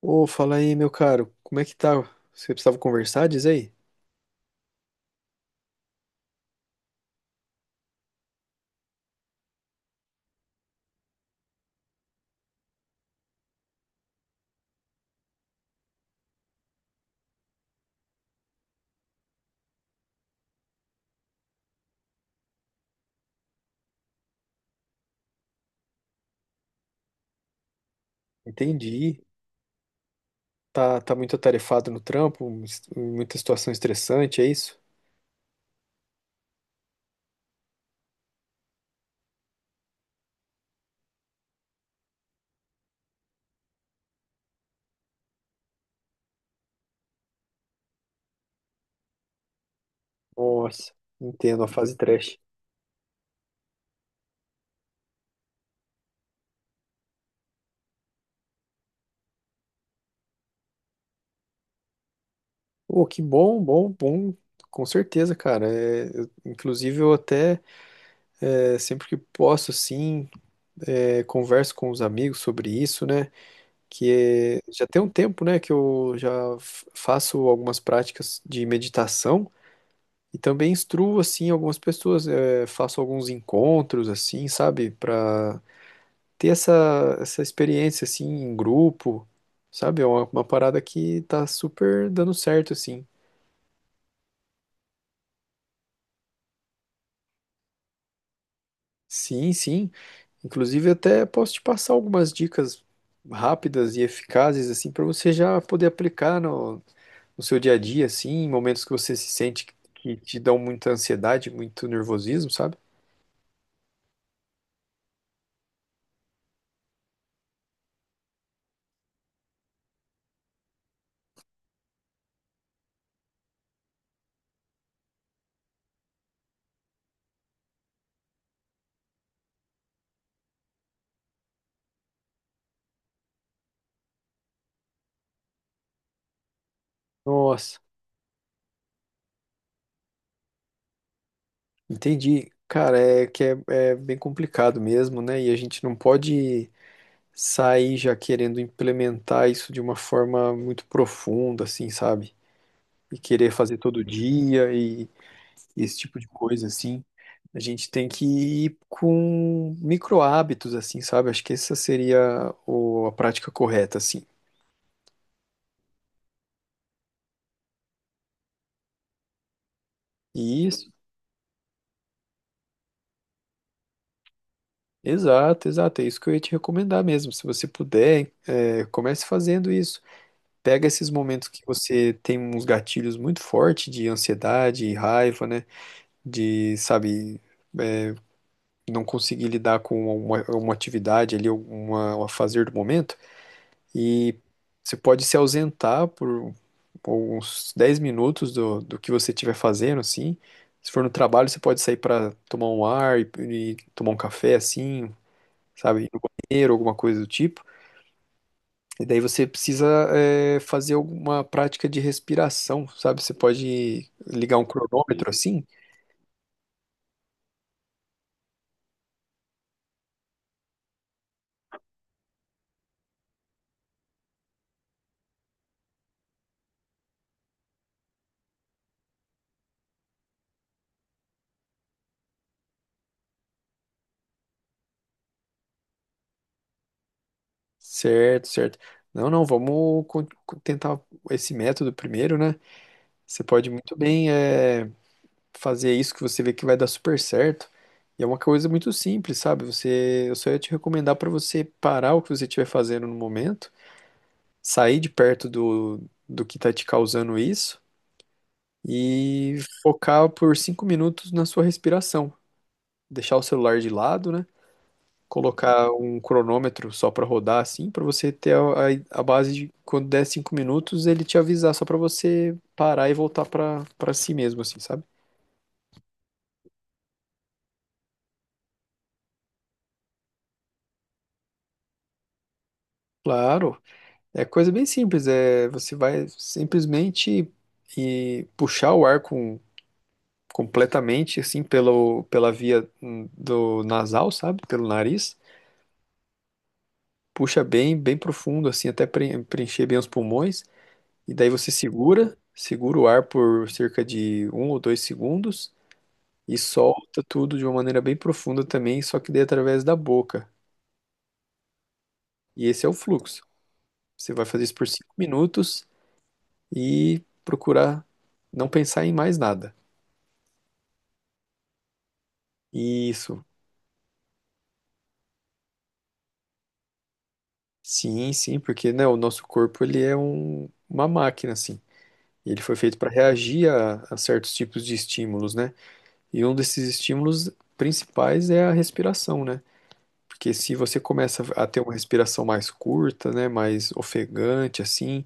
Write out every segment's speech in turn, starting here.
Ô, fala aí, meu caro, como é que tá? Você precisava conversar, diz aí? Entendi. Tá, tá muito atarefado no trampo, muita situação estressante, é isso? Nossa, entendo a fase trash. Ô, que bom, bom, bom, com certeza, cara. Inclusive, eu até sempre que posso, assim, converso com os amigos sobre isso, né? Já tem um tempo, né, que eu já faço algumas práticas de meditação. E também instruo, assim, algumas pessoas, faço alguns encontros, assim, sabe? Pra ter essa experiência, assim, em grupo, sabe? É uma parada que tá super dando certo, assim. Sim, sim. Inclusive, até posso te passar algumas dicas rápidas e eficazes, assim, para você já poder aplicar no seu dia a dia, assim, em momentos que você se sente que te dão muita ansiedade, muito nervosismo, sabe? Nossa. Entendi. Cara, é bem complicado mesmo, né? E a gente não pode sair já querendo implementar isso de uma forma muito profunda, assim, sabe? E querer fazer todo dia e esse tipo de coisa, assim. A gente tem que ir com micro hábitos, assim, sabe? Acho que essa seria a prática correta, assim. Isso, exato, exato. É isso que eu ia te recomendar mesmo. Se você puder, comece fazendo isso. Pega esses momentos que você tem uns gatilhos muito fortes de ansiedade, raiva, né? De, sabe, é, não conseguir lidar com uma atividade ali, um fazer do momento, e você pode se ausentar por uns 10 minutos do que você estiver fazendo, assim. Se for no trabalho, você pode sair para tomar um ar e tomar um café, assim, sabe, ir no banheiro, alguma coisa do tipo. E daí você precisa fazer alguma prática de respiração, sabe? Você pode ligar um cronômetro. Sim, assim? Certo, certo. Não, não, vamos tentar esse método primeiro, né? Você pode muito bem fazer isso que você vê que vai dar super certo. E é uma coisa muito simples, sabe? Eu só ia te recomendar para você parar o que você estiver fazendo no momento, sair de perto do que está te causando isso e focar por 5 minutos na sua respiração. Deixar o celular de lado, né? Colocar um cronômetro só para rodar assim, para você ter a base de quando der 5 minutos ele te avisar só para você parar e voltar para si mesmo assim, sabe? Claro, é coisa bem simples, é você vai simplesmente puxar o ar com completamente assim pelo pela via do nasal, sabe? Pelo nariz. Puxa bem, bem profundo assim, até preencher bem os pulmões. E daí você segura o ar por cerca de um ou dois segundos e solta tudo de uma maneira bem profunda também, só que daí através da boca. E esse é o fluxo. Você vai fazer isso por 5 minutos e procurar não pensar em mais nada. Isso. Sim, sim, porque né, o nosso corpo ele é uma máquina, assim. Ele foi feito para reagir a certos tipos de estímulos, né? E um desses estímulos principais é a respiração, né? Porque se você começa a ter uma respiração mais curta, né, mais ofegante, assim,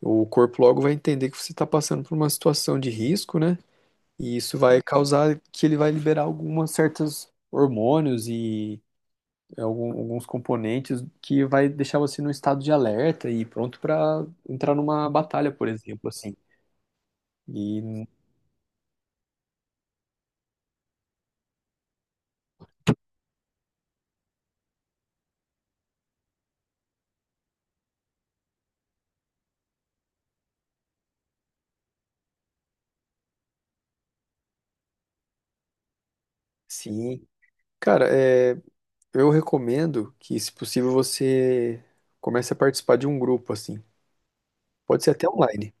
o corpo logo vai entender que você está passando por uma situação de risco, né? E isso vai causar que ele vai liberar algumas certas hormônios e alguns componentes que vai deixar você num estado de alerta e pronto para entrar numa batalha, por exemplo, assim. E sim, cara, eu recomendo que, se possível, você comece a participar de um grupo, assim. Pode ser até online.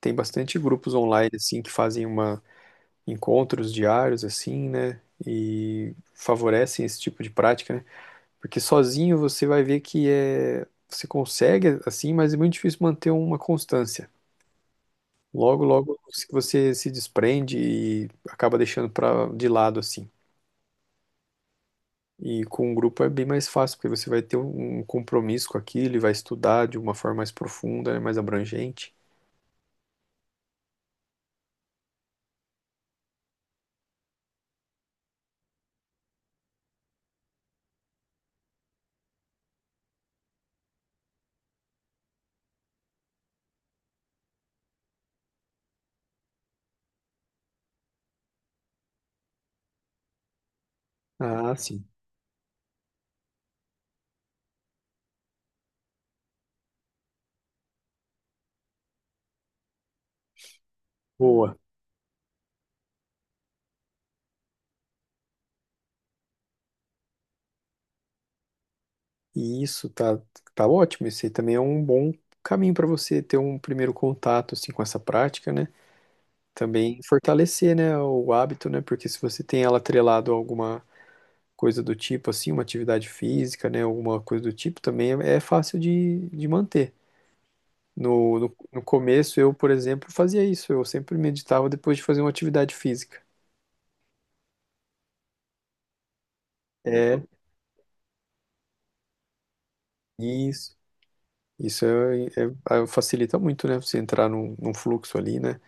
Tem bastante grupos online assim que fazem uma encontros diários assim, né? E favorecem esse tipo de prática, né? Porque sozinho você vai ver que é você consegue assim, mas é muito difícil manter uma constância. Logo, logo você se desprende e acaba deixando para de lado assim. E com um grupo é bem mais fácil, porque você vai ter um compromisso com aquilo e vai estudar de uma forma mais profunda, né, mais abrangente. Ah, sim. Boa. E isso tá, tá ótimo. Esse aí também é um bom caminho para você ter um primeiro contato assim com essa prática, né? Também fortalecer, né, o hábito, né? Porque se você tem ela atrelado a alguma coisa do tipo, assim, uma atividade física, né, alguma coisa do tipo, também é fácil de manter. No começo, eu, por exemplo, fazia isso. Eu sempre meditava depois de fazer uma atividade física. É, isso. Isso facilita muito, né? Você entrar num fluxo ali, né?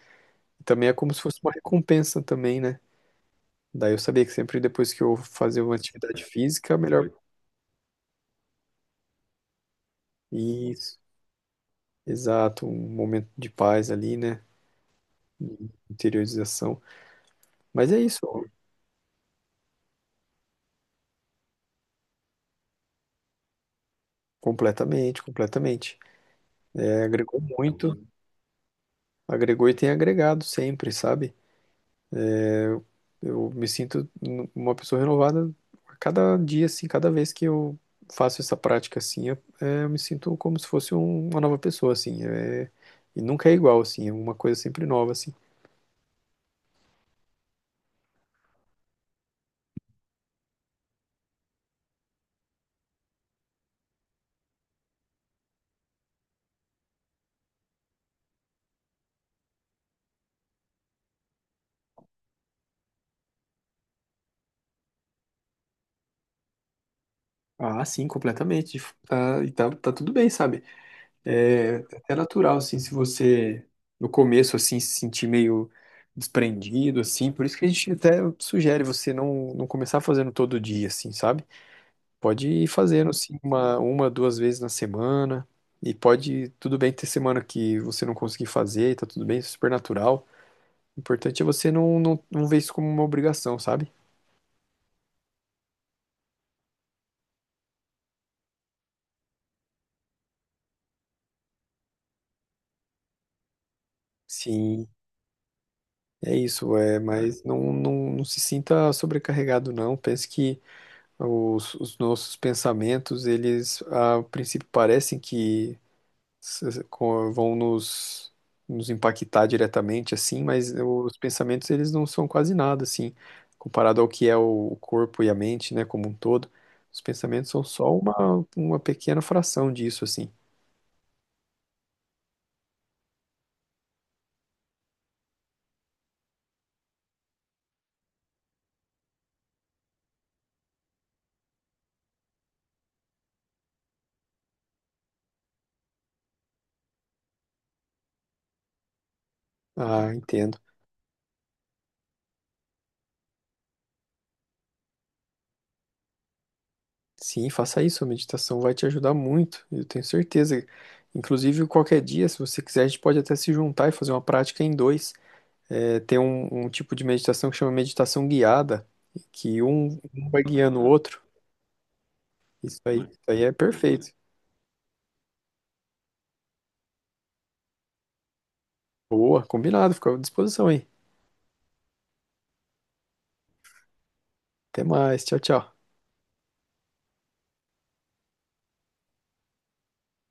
Também é como se fosse uma recompensa também, né? Daí eu sabia que sempre depois que eu fazia uma atividade física, melhor. Isso, exato, um momento de paz ali, né? De interiorização. Mas é isso, completamente, completamente. É, agregou muito, agregou e tem agregado sempre, sabe? Eu me sinto uma pessoa renovada a cada dia, assim, cada vez que eu faço essa prática, assim, eu, eu me sinto como se fosse uma nova pessoa, assim. É, e nunca é igual, assim, é uma coisa sempre nova, assim. Ah, sim, completamente. Tá, tá tudo bem, sabe? É até natural, assim, se você no começo, assim, se sentir meio desprendido, assim. Por isso que a gente até sugere você não começar fazendo todo dia, assim, sabe? Pode ir fazendo, assim, uma, 2 vezes na semana. E pode, tudo bem ter semana que você não conseguir fazer, e tá tudo bem, é super natural. O importante é você não ver isso como uma obrigação, sabe? Sim, é isso, é, mas não se sinta sobrecarregado, não. Pense que os nossos pensamentos, eles, a princípio, parecem que vão nos impactar diretamente, assim, mas os pensamentos, eles não são quase nada, assim, comparado ao que é o corpo e a mente, né, como um todo. Os pensamentos são só uma pequena fração disso, assim. Ah, entendo. Sim, faça isso, a meditação vai te ajudar muito, eu tenho certeza. Inclusive, qualquer dia, se você quiser, a gente pode até se juntar e fazer uma prática em dois. É, tem um tipo de meditação que chama meditação guiada, que um vai guiando o outro. Isso aí é perfeito. Boa, combinado, fica à disposição aí. Até mais, tchau, tchau.